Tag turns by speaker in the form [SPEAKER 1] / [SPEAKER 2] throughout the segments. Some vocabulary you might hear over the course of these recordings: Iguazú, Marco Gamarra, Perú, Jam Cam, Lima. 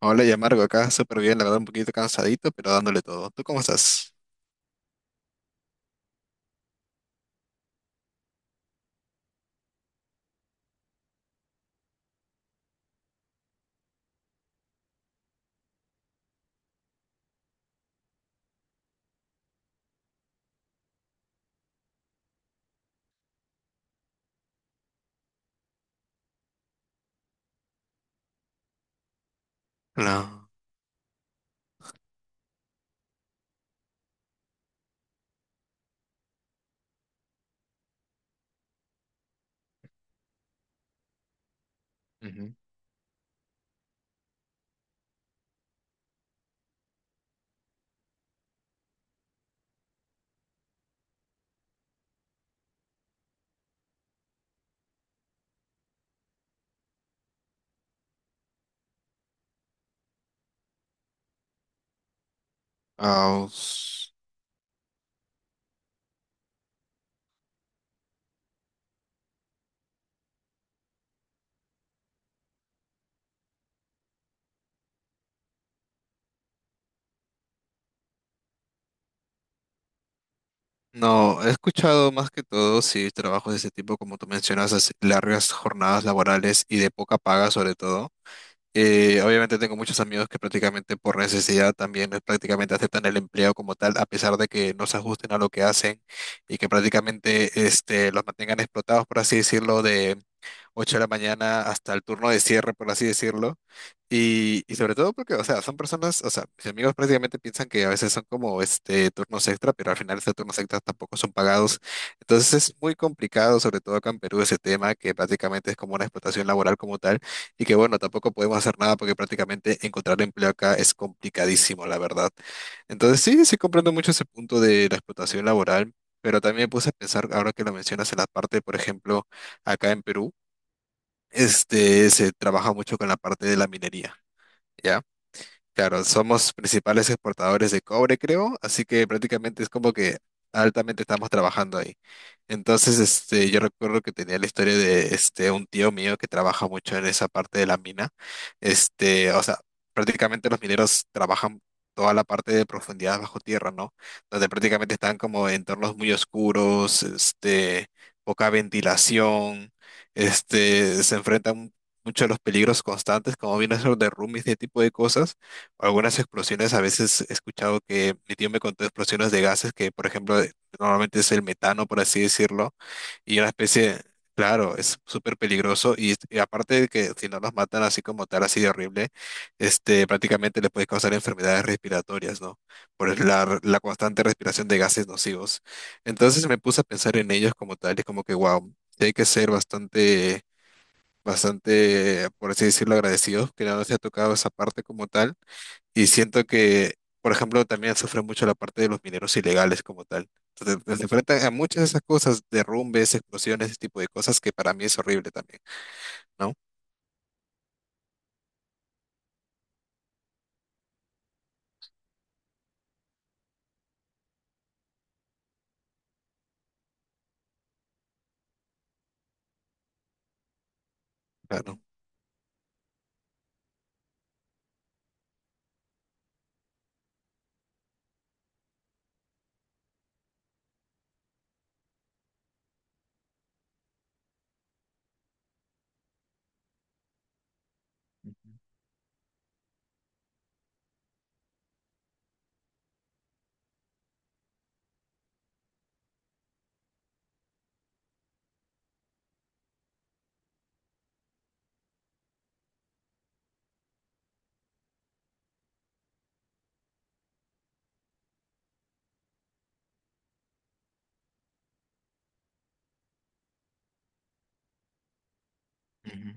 [SPEAKER 1] Hola, ya Marco, acá súper bien, la verdad un poquito cansadito, pero dándole todo. ¿Tú cómo estás? No. Ujú. Ah, us- no, he escuchado más que todo, sí, trabajos de ese tipo, como tú mencionas, así, largas jornadas laborales y de poca paga sobre todo. Obviamente tengo muchos amigos que prácticamente por necesidad también prácticamente aceptan el empleo como tal, a pesar de que no se ajusten a lo que hacen y que prácticamente este, los mantengan explotados, por así decirlo, de 8 de la mañana hasta el turno de cierre, por así decirlo. Y sobre todo porque, o sea, son personas, o sea, mis amigos prácticamente piensan que a veces son como este turnos extra, pero al final esos turnos extra tampoco son pagados. Entonces es muy complicado, sobre todo acá en Perú, ese tema que prácticamente es como una explotación laboral como tal. Y que bueno, tampoco podemos hacer nada porque prácticamente encontrar empleo acá es complicadísimo, la verdad. Entonces sí, sí comprendo mucho ese punto de la explotación laboral, pero también me puse a pensar, ahora que lo mencionas en la parte, por ejemplo, acá en Perú, este, se trabaja mucho con la parte de la minería, ¿ya? Claro, somos principales exportadores de cobre, creo, así que prácticamente es como que altamente estamos trabajando ahí. Entonces, este, yo recuerdo que tenía la historia de este un tío mío que trabaja mucho en esa parte de la mina. Este, o sea, prácticamente los mineros trabajan toda la parte de profundidad bajo tierra, ¿no? Donde prácticamente están como en entornos muy oscuros, este, poca ventilación, este, se enfrentan mucho a los peligros constantes, como viene a ser derrumbes y ese tipo de cosas, algunas explosiones, a veces he escuchado que mi tío me contó explosiones de gases que, por ejemplo, normalmente es el metano, por así decirlo, y una especie, claro, es súper peligroso y aparte de que si no nos matan así como tal, así de horrible, este, prácticamente le puede causar enfermedades respiratorias, ¿no? La constante respiración de gases nocivos. Entonces me puse a pensar en ellos como tal y es como que, wow, hay que ser bastante... bastante, por así decirlo, agradecidos que no nos haya tocado esa parte como tal y siento que, por ejemplo, también sufre mucho la parte de los mineros ilegales como tal. Entonces, se enfrentan a muchas de esas cosas, derrumbes, explosiones, ese tipo de cosas que para mí es horrible también, ¿no? Claro. Ujú.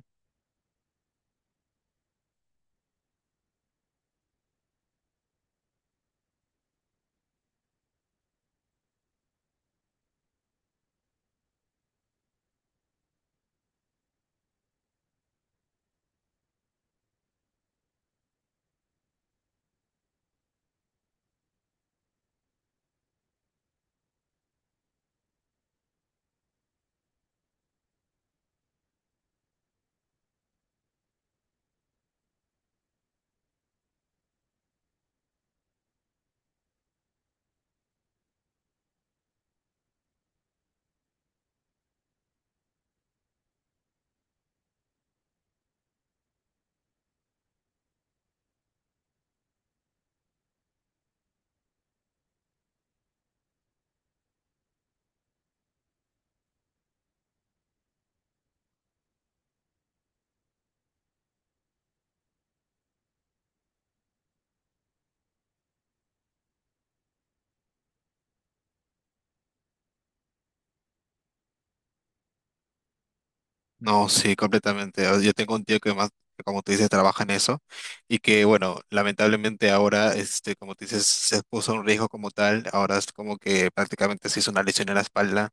[SPEAKER 1] No, sí, completamente. Ah, yo tengo un tío que más, como tú dices, trabaja en eso y que, bueno, lamentablemente ahora, este, como tú dices, se puso un riesgo como tal. Ahora es como que prácticamente se hizo una lesión en la espalda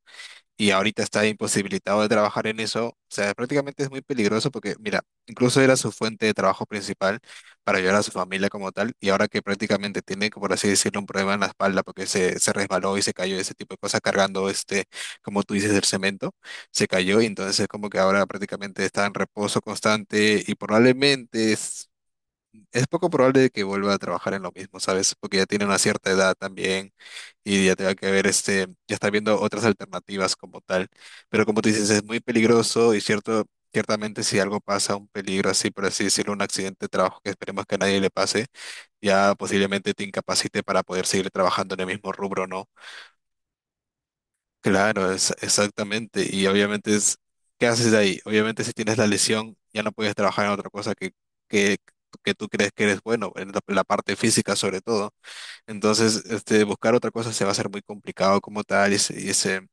[SPEAKER 1] y ahorita está imposibilitado de trabajar en eso, o sea, prácticamente es muy peligroso porque, mira, incluso era su fuente de trabajo principal para ayudar a su familia como tal, y ahora que prácticamente tiene, como por así decirlo, un problema en la espalda porque se resbaló y se cayó, ese tipo de cosas cargando este, como tú dices, el cemento, se cayó y entonces como que ahora prácticamente está en reposo constante y probablemente es... Es poco probable de que vuelva a trabajar en lo mismo, ¿sabes? Porque ya tiene una cierta edad también y ya te tenga que ver este, ya está viendo otras alternativas como tal. Pero como tú dices, es muy peligroso y cierto, ciertamente si algo pasa, un peligro así, por así decirlo, un accidente de trabajo que esperemos que a nadie le pase, ya posiblemente te incapacite para poder seguir trabajando en el mismo rubro, ¿no? Claro, es, exactamente. Y obviamente es, ¿qué haces de ahí? Obviamente si tienes la lesión, ya no puedes trabajar en otra cosa que, que tú crees que eres bueno, en la parte física sobre todo. Entonces, este, buscar otra cosa se va a hacer muy complicado como tal.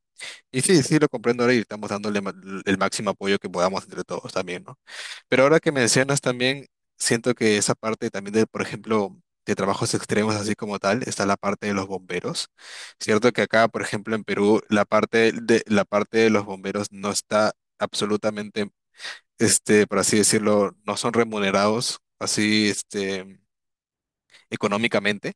[SPEAKER 1] Y sí, sí, lo comprendo ahora y estamos el máximo apoyo que podamos entre todos también, ¿no? Pero ahora que mencionas también, siento que esa parte también de, por ejemplo, de trabajos extremos así como tal, está la parte de los bomberos. Cierto que acá, por ejemplo, en Perú, la parte de los bomberos no está absolutamente, este, por así decirlo, no son remunerados así, este, económicamente,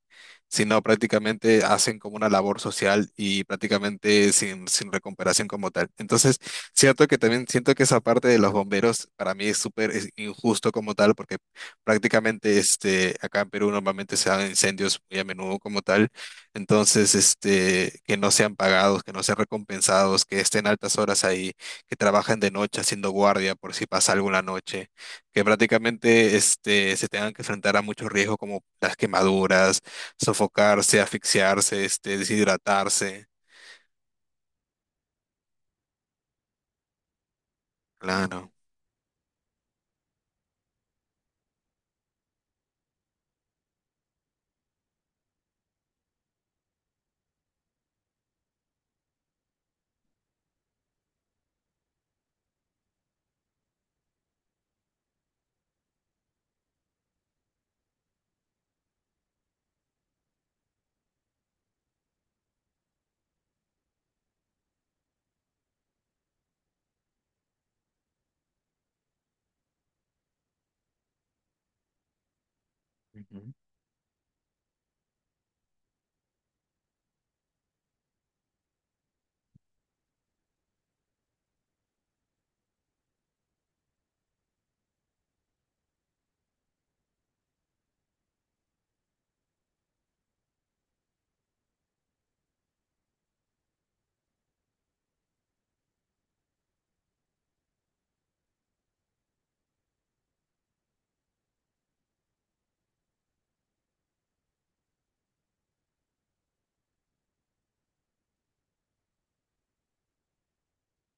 [SPEAKER 1] sino prácticamente hacen como una labor social y prácticamente sin recuperación como tal. Entonces, cierto que también siento que esa parte de los bomberos para mí es súper, es injusto como tal, porque prácticamente este, acá en Perú normalmente se dan incendios muy a menudo como tal, entonces este, que no sean pagados, que no sean recompensados, que estén altas horas ahí, que trabajen de noche haciendo guardia por si pasa algo en la noche, que prácticamente este, se tengan que enfrentar a muchos riesgos como las quemaduras, sofocarse, asfixiarse, este, deshidratarse. Claro.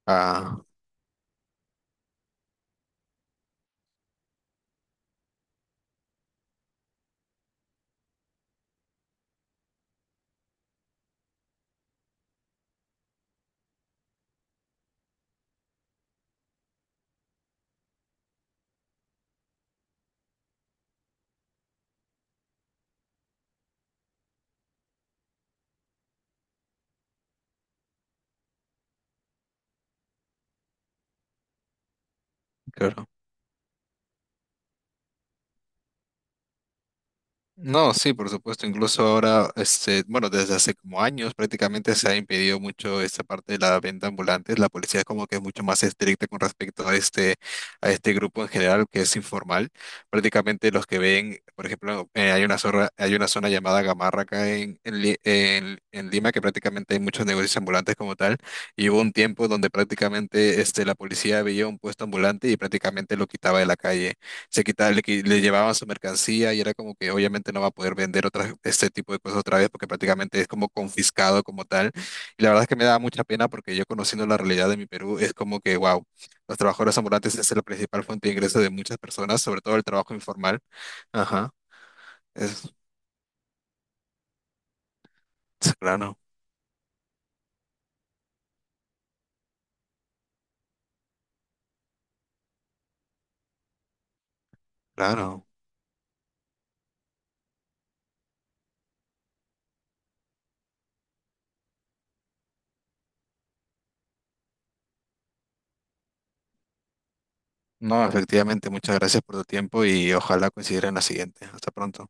[SPEAKER 1] Ah, claro. No, sí, por supuesto. Incluso ahora, este, bueno, desde hace como años prácticamente se ha impedido mucho esta parte de la venta ambulante. La policía es como que es mucho más estricta con respecto a este grupo en general que es informal. Prácticamente los que ven, por ejemplo, hay una zona llamada Gamarra acá en Lima, que prácticamente hay muchos negocios ambulantes como tal. Y hubo un tiempo donde prácticamente este, la policía veía un puesto ambulante y prácticamente lo quitaba de la calle, se quitaba, le llevaban su mercancía y era como que obviamente no va a poder vender otras, este tipo de cosas otra vez porque prácticamente es como confiscado como tal. Y la verdad es que me da mucha pena porque yo conociendo la realidad de mi Perú es como que, wow, los trabajadores ambulantes es la principal fuente de ingreso de muchas personas, sobre todo el trabajo informal. Ajá, es, es claro, claro. No, efectivamente, muchas gracias por tu tiempo y ojalá coincidiera en la siguiente. Hasta pronto.